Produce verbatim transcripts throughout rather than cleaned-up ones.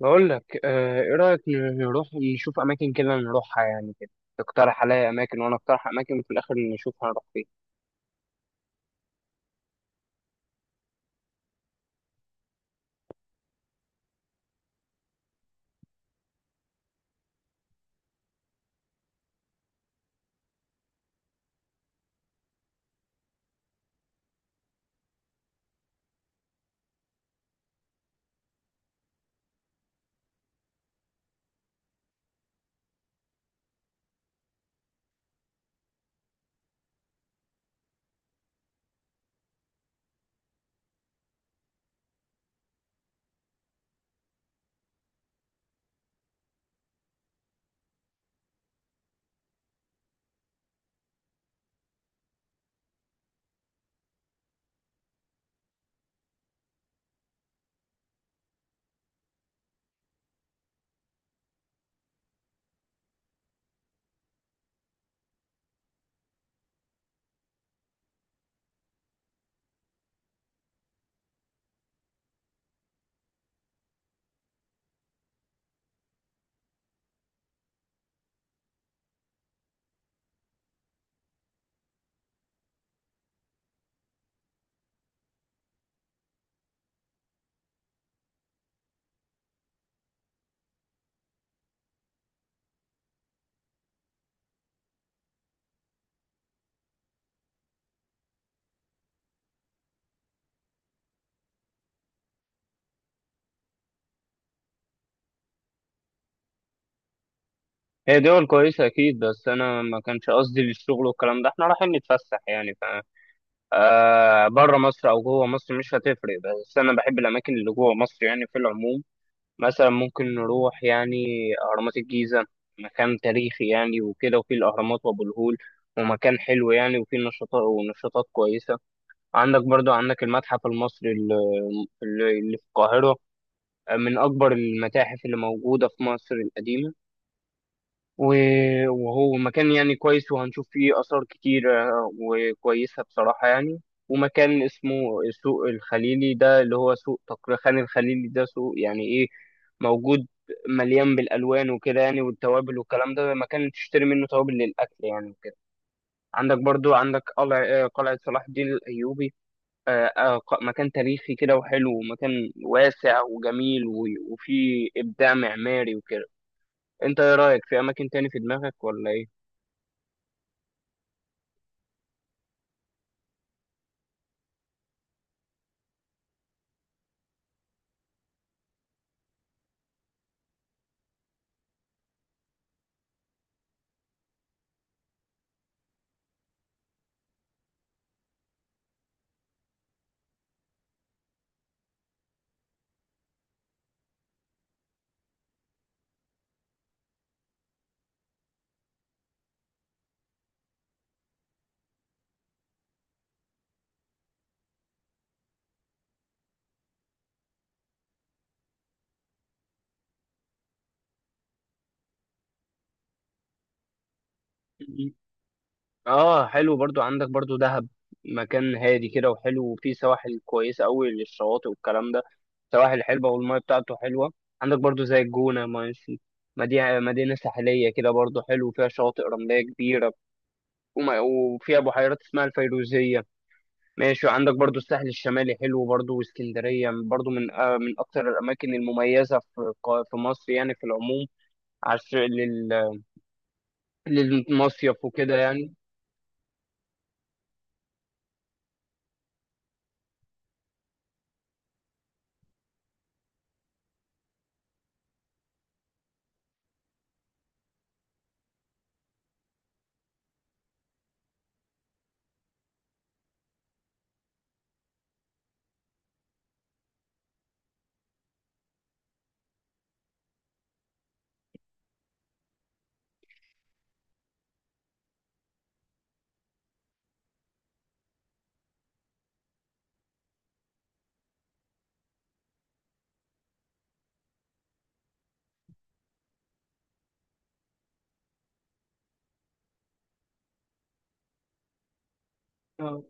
بقول لك آه، ايه رأيك ن- نروح نشوف اماكن كده نروحها يعني كده. تقترح عليا اماكن وانا اقترح اماكن وفي الاخر نشوف هنروح فين. هي دول كويسة اكيد، بس انا ما كانش قصدي للشغل والكلام ده، احنا رايحين نتفسح يعني ف آه، بره مصر او جوه مصر مش هتفرق، بس انا بحب الاماكن اللي جوه مصر يعني في العموم. مثلا ممكن نروح يعني اهرامات الجيزة، مكان تاريخي يعني وكده، وفي الاهرامات وابو الهول، ومكان حلو يعني وفيه نشاطات، ونشاطات كويسة. عندك برضو، عندك المتحف المصري اللي اللي- اللي في القاهرة، من أكبر المتاحف اللي موجودة في مصر القديمة، و- وهو مكان يعني كويس، وهنشوف فيه آثار كتير آه، وكويسة بصراحة يعني. ومكان اسمه سوق الخليلي، ده اللي هو سوق تقريبا خان الخليلي، ده سوق يعني إيه، موجود مليان بالألوان وكده يعني، والتوابل والكلام ده، مكان تشتري منه توابل للأكل يعني وكده. عندك برضو، عندك قلع- آه، قلعة صلاح الدين الأيوبي، آه، آه، ق- مكان تاريخي كده وحلو، ومكان واسع وجميل، و- وفيه إبداع معماري وكده. انت ايه رأيك في اماكن تاني في دماغك ولا ايه؟ مم. اه، حلو. برضو عندك برضو دهب، مكان هادي كده وحلو، وفيه سواحل كويسة قوي للشواطئ والكلام ده، سواحل حلوة والمية بتاعته حلوة. عندك برضو زي الجونة، ماشي، مدينة مدينة ساحلية كده برضو حلو، فيها شواطئ رملية كبيرة، وما- وفيها بحيرات اسمها الفيروزية. ماشي، وعندك برضو الساحل الشمالي حلو برضو، واسكندرية برضو من آه، من أكتر الأماكن المميزة في قا- في مصر يعني في العموم، عشان لل للمصيف وكده يعني. اه،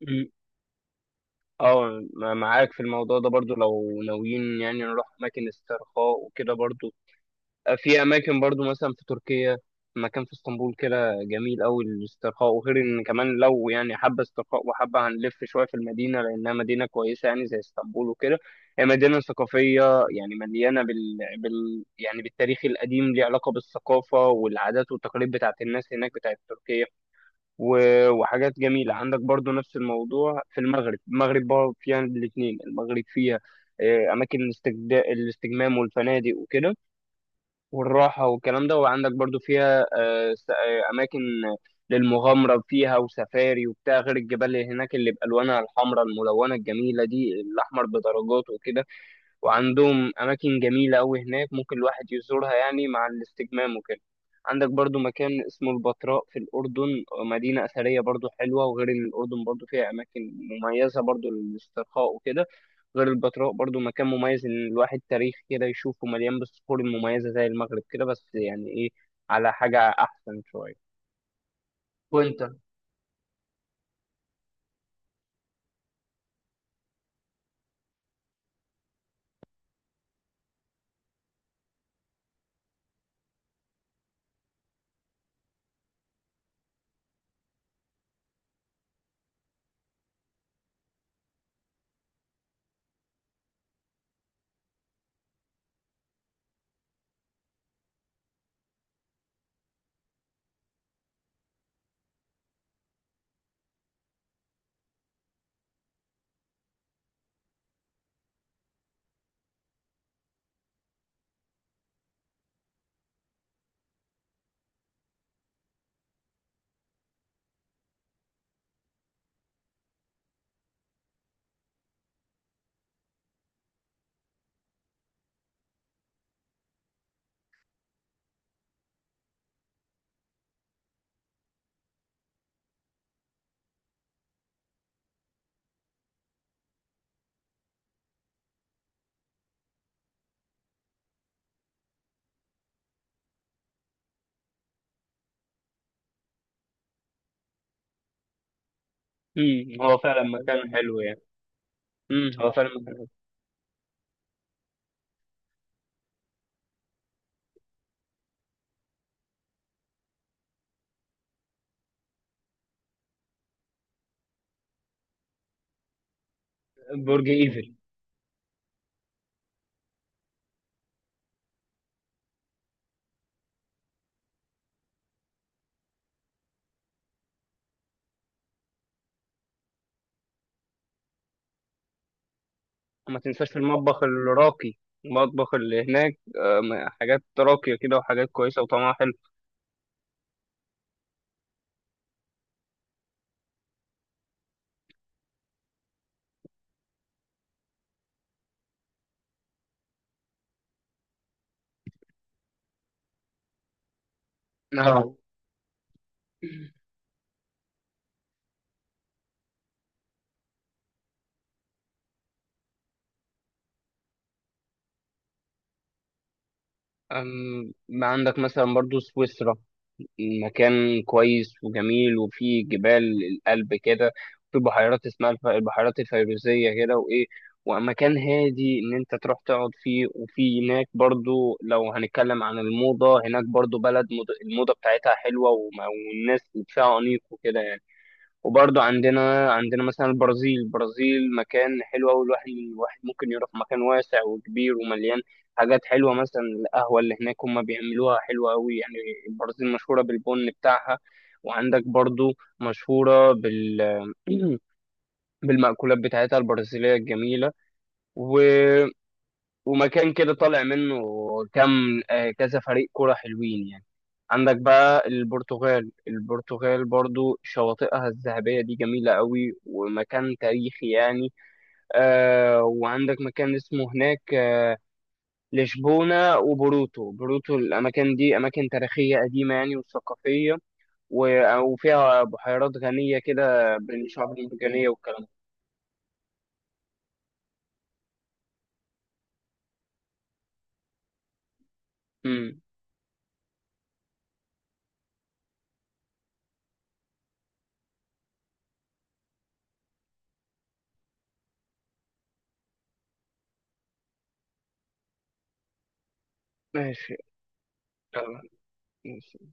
م- آه، م- معاك في الموضوع ده برضو. لو ناويين يعني نروح أماكن استرخاء وكده برضو، في اماكن برضو مثلا في تركيا، مكان في اسطنبول كده جميل قوي للاسترخاء، وغير ان كمان لو يعني حابه استرخاء وحابه هنلف شويه في المدينه، لانها مدينه كويسه يعني زي اسطنبول وكده. هي مدينه ثقافيه يعني مليانه بال... بال يعني بالتاريخ القديم، ليه علاقه بالثقافه والعادات والتقاليد بتاعت الناس هناك بتاعت تركيا. و... وحاجات جميله. عندك برضو نفس الموضوع في المغرب، المغرب برضو فيها الاثنين المغرب فيها آه، اماكن الاستجد... الاستجمام والفنادق وكده، والراحة والكلام ده، وعندك برضو فيها آه، س- آه، أماكن للمغامرة فيها وسفاري وبتاع، غير الجبال اللي هناك اللي بألوانها الحمراء الملونة الجميلة دي، الأحمر بدرجات وكده، وعندهم أماكن جميلة أوي هناك ممكن الواحد يزورها يعني مع الاستجمام وكده. عندك برضو مكان اسمه البتراء في الأردن، مدينة أثرية برضو حلوة، وغير إن الأردن برضو فيها أماكن مميزة برضو للاسترخاء وكده. غير البتراء برضو مكان مميز ان الواحد تاريخ كده يشوفه، مليان بالصخور المميزه زي المغرب كده، بس يعني ايه، على حاجه احسن شويه. وانت؟ امم، هو فعلا مكان حلو يعني. امم، هو فعلا مكان حلو. برج ايفل، ما تنساش المطبخ الراقي، المطبخ اللي هناك آه، م- حاجات راقيه كده وحاجات كويسه وطعمها حلو. اه، أم، ما عندك مثلا برضو سويسرا، مكان كويس وجميل، وفيه جبال القلب كده، في بحيرات اسمها الف- البحيرات الفيروزية كده وإيه، ومكان هادي إن أنت تروح تقعد فيه. وفي هناك برضو، لو هنتكلم عن الموضة، هناك برضو بلد مض- الموضة بتاعتها حلوة وم- والناس فيها أنيق وكده يعني. وبرضه عندنا، عندنا مثلا البرازيل، البرازيل مكان حلو أوي، الواحد الواحد ممكن يروح، مكان واسع وكبير ومليان حاجات حلوة. مثلا القهوة اللي هناك هما بيعملوها حلوة أوي يعني، البرازيل مشهورة بالبن بتاعها، وعندك برضه مشهورة بال بالمأكولات بتاعتها البرازيلية الجميلة. و... ومكان كده طالع منه كم آه، كذا فريق كرة حلوين يعني. عندك بقى البرتغال، البرتغال برضو شواطئها الذهبية دي جميلة قوي، ومكان تاريخي يعني. آه، وعندك مكان اسمه هناك آه، لشبونة وبوروتو، بوروتو، الأماكن دي أماكن تاريخية قديمة يعني وثقافية، و- وفيها بحيرات غنية كده بالشعاب المرجانية والكلام ده. مم. ماشي. يلا، ماشي.